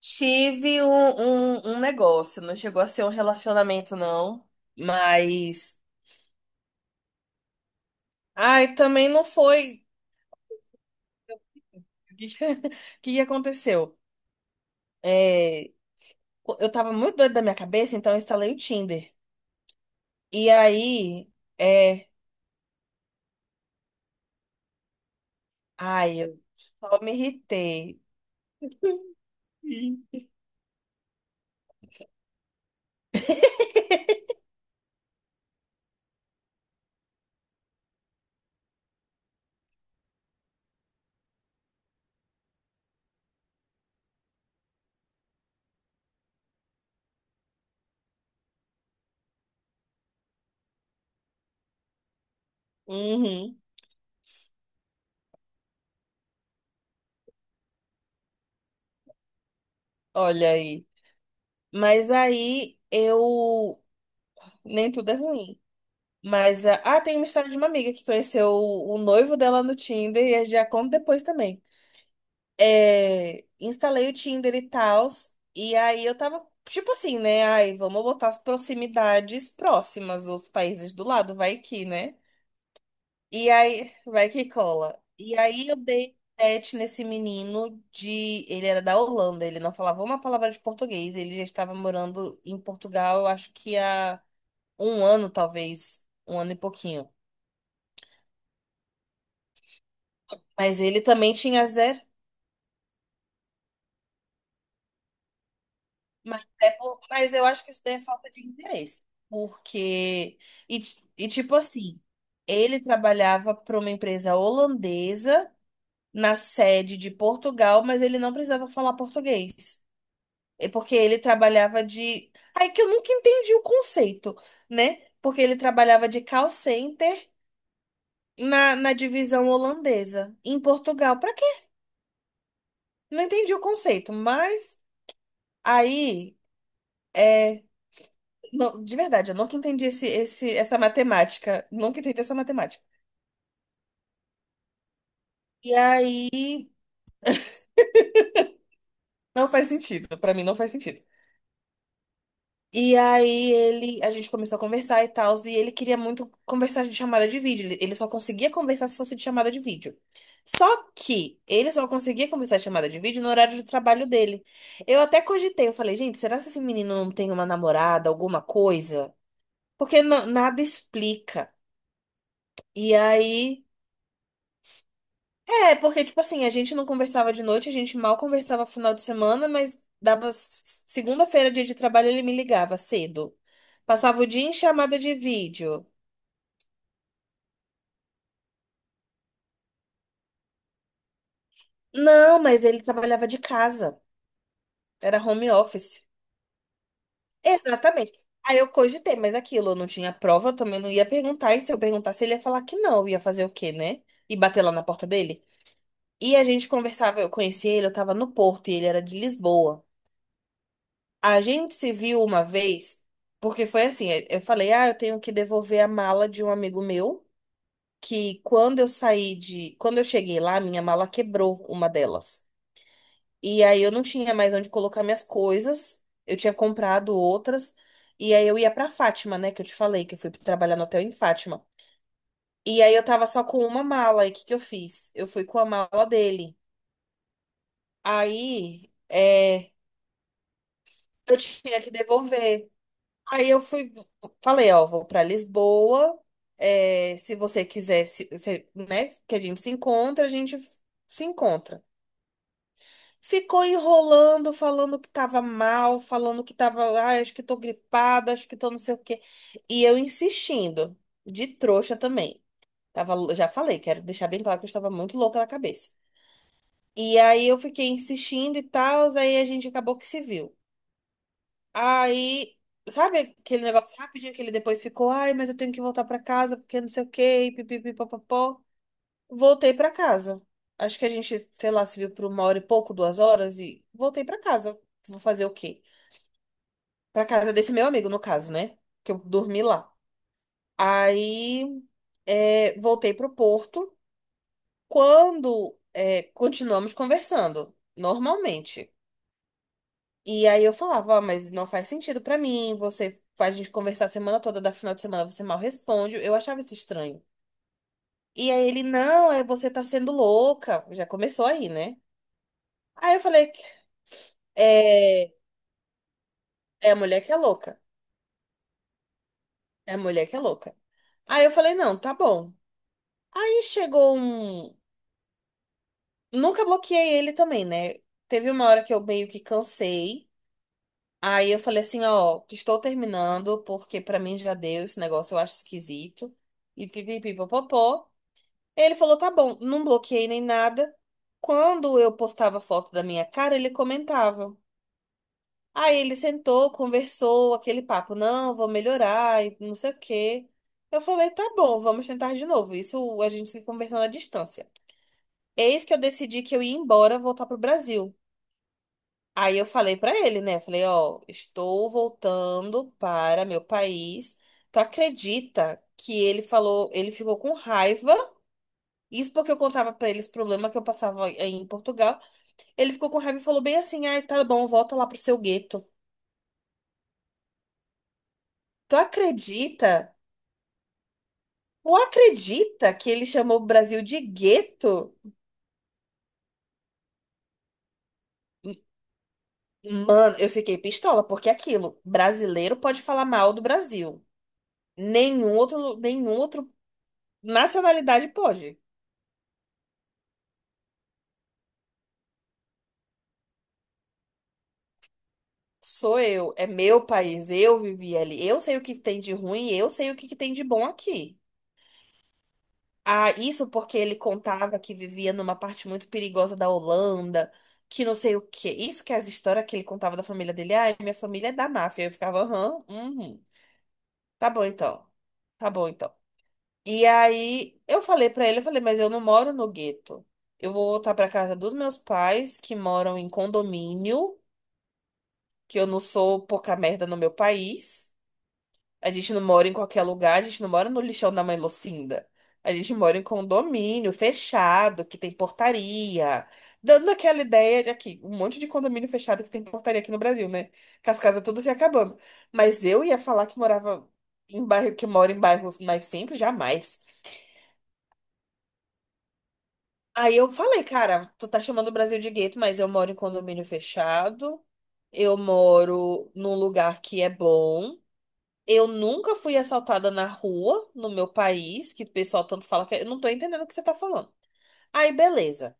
Tive um negócio, não chegou a ser um relacionamento, não. Mas. Ai, também não foi. O que que aconteceu? É, eu tava muito doida da minha cabeça, então eu instalei o Tinder. E aí. É. Ai, eu só me irritei. Uhum, olha aí. Mas aí eu. Nem tudo é ruim. Mas, tem uma história de uma amiga que conheceu o noivo dela no Tinder e eu já conto depois também. É, instalei o Tinder e tal, e aí eu tava, tipo assim, né? Ai, vamos botar as proximidades próximas, os países do lado, vai que, né? E aí, vai que cola. E aí eu dei match nesse menino de. Ele era da Holanda, ele não falava uma palavra de português, ele já estava morando em Portugal, eu acho que há um ano, talvez, um ano e pouquinho. Mas ele também tinha zero. Mas eu acho que isso daí é falta de interesse. Porque. E tipo assim, ele trabalhava para uma empresa holandesa na sede de Portugal, mas ele não precisava falar português. É porque ele trabalhava de. Aí que eu nunca entendi o conceito, né? Porque ele trabalhava de call center na divisão holandesa, em Portugal. Pra quê? Não entendi o conceito, mas aí. é, Não, de verdade, eu nunca entendi essa matemática. Nunca entendi essa matemática. E aí, não faz sentido. Pra mim, não faz sentido. E aí, ele, a gente começou a conversar e tal, e ele queria muito conversar de chamada de vídeo. Ele só conseguia conversar se fosse de chamada de vídeo. Só que ele só conseguia conversar de chamada de vídeo no horário de trabalho dele. Eu até cogitei, eu falei, gente, será que esse menino não tem uma namorada, alguma coisa? Porque nada explica. E aí. É, porque, tipo assim, a gente não conversava de noite, a gente mal conversava final de semana, mas dava segunda-feira, dia de trabalho, ele me ligava cedo. Passava o dia em chamada de vídeo. Não, mas ele trabalhava de casa. Era home office. Exatamente. Aí eu cogitei, mas aquilo, eu não tinha prova, eu também não ia perguntar. E se eu perguntasse, ele ia falar que não, eu ia fazer o quê, né? E bater lá na porta dele. E a gente conversava, eu conheci ele, eu tava no Porto e ele era de Lisboa. A gente se viu uma vez, porque foi assim, eu falei, ah, eu tenho que devolver a mala de um amigo meu, que quando eu saí de, quando eu cheguei lá, minha mala quebrou uma delas. E aí eu não tinha mais onde colocar minhas coisas, eu tinha comprado outras, e aí eu ia pra Fátima, né, que eu te falei que eu fui trabalhar no hotel em Fátima. E aí eu tava só com uma mala, e o que que eu fiz? Eu fui com a mala dele. Aí, eu tinha que devolver. Aí eu fui, falei, ó, vou pra Lisboa. Se você quiser, né, que a gente se encontra, a gente se encontra. Ficou enrolando, falando que tava mal, falando que tava, ah, acho que tô gripada, acho que tô não sei o quê. E eu insistindo, de trouxa também. Tava, já falei, quero deixar bem claro que eu estava muito louca na cabeça. E aí eu fiquei insistindo e tal, aí a gente acabou que se viu. Aí, sabe aquele negócio rapidinho que ele depois ficou, ai, mas eu tenho que voltar pra casa porque não sei o quê, e pipipi, papapó. Voltei pra casa. Acho que a gente, sei lá, se viu por uma hora e pouco, 2 horas e voltei pra casa. Vou fazer o quê? Pra casa desse meu amigo, no caso, né? Que eu dormi lá. Aí, voltei pro Porto. Quando, continuamos conversando, normalmente. E aí eu falava, ó, mas não faz sentido pra mim, você a gente conversar a semana toda, da final de semana você mal responde. Eu achava isso estranho. E aí ele, não, é você tá sendo louca. Já começou aí, né? Aí eu falei, é, é a mulher que é louca. É a mulher que é louca. Aí eu falei, não, tá bom. Aí chegou um. Nunca bloqueei ele também, né? Teve uma hora que eu meio que cansei. Aí eu falei assim, ó, estou terminando, porque pra mim já deu esse negócio, eu acho esquisito. E pipipipopopó. Ele falou, tá bom, não bloqueei nem nada. Quando eu postava foto da minha cara, ele comentava. Aí ele sentou, conversou, aquele papo, não, vou melhorar e não sei o quê. Eu falei, tá bom, vamos tentar de novo. Isso a gente se conversou na distância. Eis que eu decidi que eu ia embora, voltar pro Brasil. Aí eu falei pra ele, né? Falei, ó, estou voltando para meu país. Tu acredita que ele falou, ele ficou com raiva. Isso porque eu contava pra ele os problemas que eu passava aí em Portugal. Ele ficou com raiva e falou bem assim: ai, tá bom, volta lá pro seu gueto. Tu acredita? Tu acredita que ele chamou o Brasil de gueto? Mano, eu fiquei pistola, porque é aquilo, brasileiro pode falar mal do Brasil. Nenhum outro nacionalidade pode. Sou eu, é meu país, eu vivi ali. Eu sei o que tem de ruim, eu sei o que que tem de bom aqui. Ah, isso porque ele contava que vivia numa parte muito perigosa da Holanda, que não sei o quê. Isso que é as histórias que ele contava da família dele. Ah, minha família é da máfia. Eu ficava, aham, uhum, tá bom então. Tá bom então. E aí eu falei pra ele, eu falei, mas eu não moro no gueto. Eu vou voltar pra casa dos meus pais, que moram em condomínio, que eu não sou pouca merda no meu país. A gente não mora em qualquer lugar, a gente não mora no lixão da mãe Lucinda. A gente mora em condomínio fechado, que tem portaria. Dando aquela ideia de aqui, um monte de condomínio fechado que tem portaria aqui no Brasil, né? Que as casas tudo se acabando. Mas eu ia falar que morava em bairro, que mora em bairros nascentes, jamais. Aí eu falei, cara, tu tá chamando o Brasil de gueto, mas eu moro em condomínio fechado. Eu moro num lugar que é bom. Eu nunca fui assaltada na rua, no meu país, que o pessoal tanto fala que eu não tô entendendo o que você tá falando. Aí, beleza.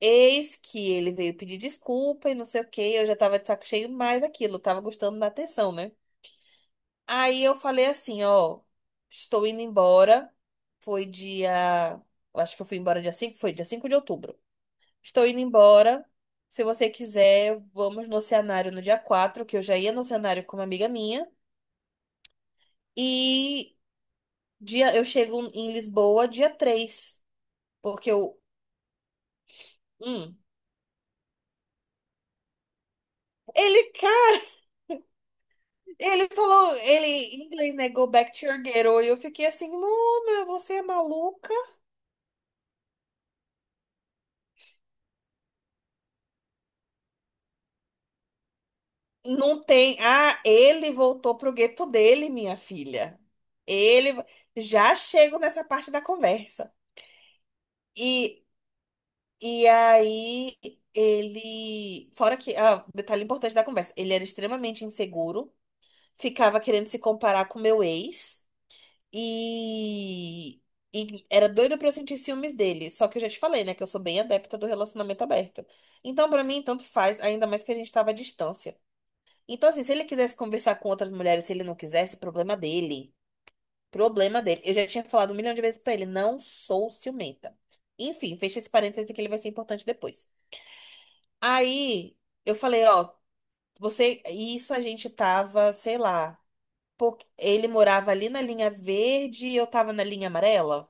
Eis que ele veio pedir desculpa e não sei o que. Eu já tava de saco cheio mais aquilo, eu tava gostando da atenção, né? Aí eu falei assim, ó, estou indo embora. Foi dia, eu acho que eu fui embora dia 5. Foi dia 5 de outubro. Estou indo embora. Se você quiser, vamos no cenário no dia 4, que eu já ia no cenário com uma amiga minha. E dia, eu chego em Lisboa dia 3 porque eu. Hum. Ele, cara, ele falou, ele em inglês, né? Go back to your ghetto. E eu fiquei assim, Luna, você é maluca? Não tem. Ah, ele voltou pro gueto dele, minha filha. Ele. Já chego nessa parte da conversa. E, e aí, ele. Fora que. Ah, detalhe importante da conversa. Ele era extremamente inseguro, ficava querendo se comparar com meu ex. E, e era doida pra eu sentir ciúmes dele. Só que eu já te falei, né? Que eu sou bem adepta do relacionamento aberto. Então, pra mim, tanto faz, ainda mais que a gente tava à distância. Então, assim, se ele quisesse conversar com outras mulheres, se ele não quisesse, problema dele. Problema dele. Eu já tinha falado um milhão de vezes pra ele, não sou ciumenta. Enfim, fecha esse parêntese que ele vai ser importante depois. Aí, eu falei, ó, você. E isso a gente tava, sei lá. Porque ele morava ali na linha verde e eu tava na linha amarela.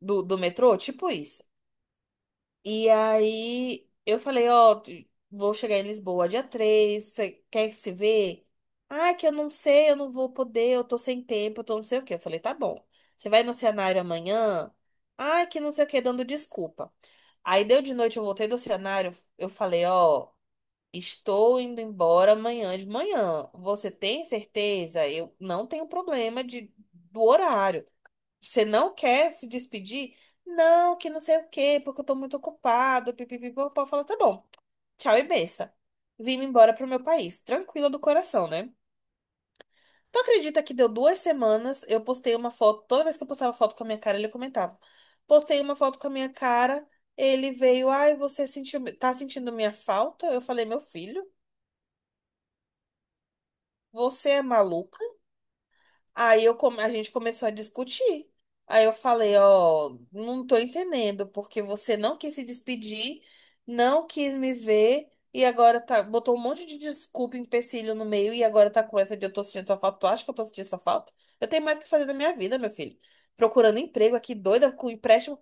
do metrô, tipo isso. E aí eu falei, ó, vou chegar em Lisboa dia 3, você quer se ver? Ah, que eu não sei, eu não vou poder, eu tô sem tempo, eu tô não sei o quê. Eu falei, tá bom. Você vai no cenário amanhã? Ah, que não sei o quê, dando desculpa. Aí deu de noite, eu voltei do cenário, eu falei, ó, estou indo embora amanhã de manhã. Você tem certeza? Eu não tenho problema de, do horário. Você não quer se despedir? Não, que não sei o quê, porque eu tô muito ocupado. Pipipipopó. Fala, tá bom, tchau e benção. Vim embora pro meu país, tranquila do coração, né? Tu acredita que deu 2 semanas, eu postei uma foto, toda vez que eu postava foto com a minha cara, ele comentava. Postei uma foto com a minha cara, ele veio, ai, você sentiu, tá sentindo minha falta? Eu falei, meu filho, você é maluco? A gente começou a discutir. Aí eu falei, ó, não tô entendendo, porque você não quis se despedir, não quis me ver, e agora tá, botou um monte de desculpa, empecilho no meio, e agora tá com essa de eu tô sentindo sua falta. Tu acha que eu tô sentindo sua falta? Eu tenho mais o que fazer da minha vida, meu filho. Procurando emprego aqui, doida, com empréstimo.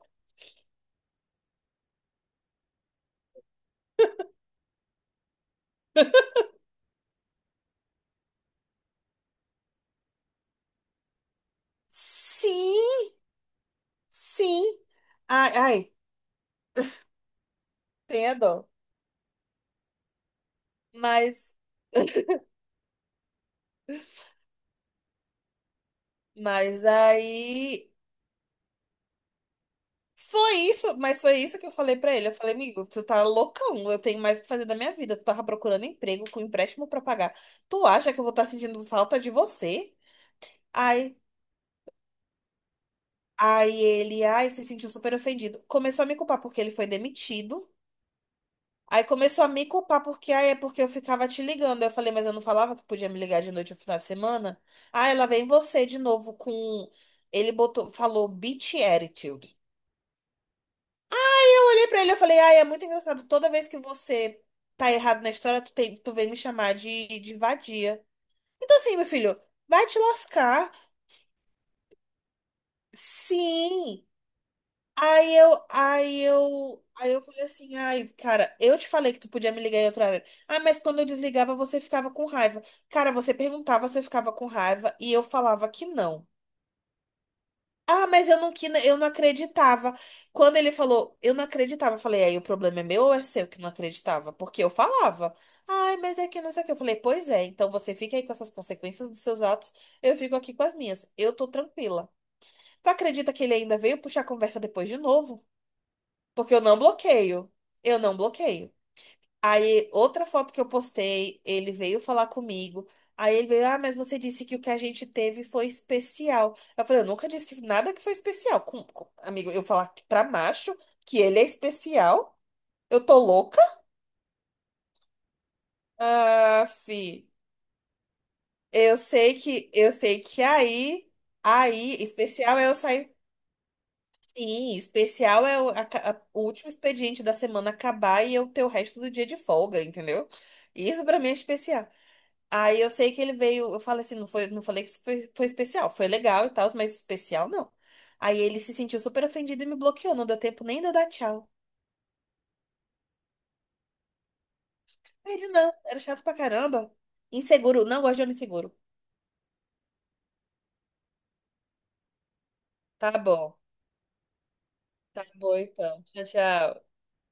Sim, sim. Ai, ai, tenha dó. Mas, mas aí. Foi isso, mas foi isso que eu falei pra ele. Eu falei, amigo, tu tá loucão, eu tenho mais o que fazer da minha vida. Tu tava procurando emprego com empréstimo pra pagar. Tu acha que eu vou estar sentindo falta de você? Aí, aí ele, ai, se sentiu super ofendido. Começou a me culpar porque ele foi demitido. Aí começou a me culpar porque, ai, é porque eu ficava te ligando. Aí eu falei, mas eu não falava que podia me ligar de noite no final de semana? Ah, ela vem você de novo com. Ele botou, falou bitch attitude. Eu olhei pra ele e falei, ai, é muito engraçado. Toda vez que você tá errado na história, tu, tem, tu vem me chamar de, vadia. Então assim, meu filho, vai te lascar. Sim. Aí eu falei assim, ai, cara, eu te falei que tu podia me ligar em outra hora. Ah, mas quando eu desligava, você ficava com raiva. Cara, você perguntava, você ficava com raiva, e eu falava que não. Ah, mas eu não, eu não acreditava. Quando ele falou, eu não acreditava. Eu falei, aí o problema é meu ou é seu que não acreditava? Porque eu falava, ai, mas é que não sei o que. Eu falei, pois é, então você fica aí com essas consequências dos seus atos, eu fico aqui com as minhas. Eu tô tranquila. Tu acredita que ele ainda veio puxar a conversa depois de novo? Porque eu não bloqueio. Aí, outra foto que eu postei, ele veio falar comigo. Aí ele veio, ah, mas você disse que o que a gente teve foi especial. Eu falei, eu nunca disse que nada que foi especial. Amigo, eu falar que pra macho que ele é especial, eu tô louca? Ah, fi, eu sei que aí, aí, especial é eu sair. Sim, especial é o, a ca- a- o último expediente da semana acabar e eu ter o resto do dia de folga, entendeu? Isso pra mim é especial. Aí eu sei que ele veio, eu falei assim, não foi, não falei que isso foi, foi especial, foi legal e tal, mas especial não. Aí ele se sentiu super ofendido e me bloqueou, não deu tempo nem de eu dar tchau. Aí ele, não, era chato pra caramba. Inseguro, não gosto de homem seguro. Tá bom, tá bom então. Tchau, tchau.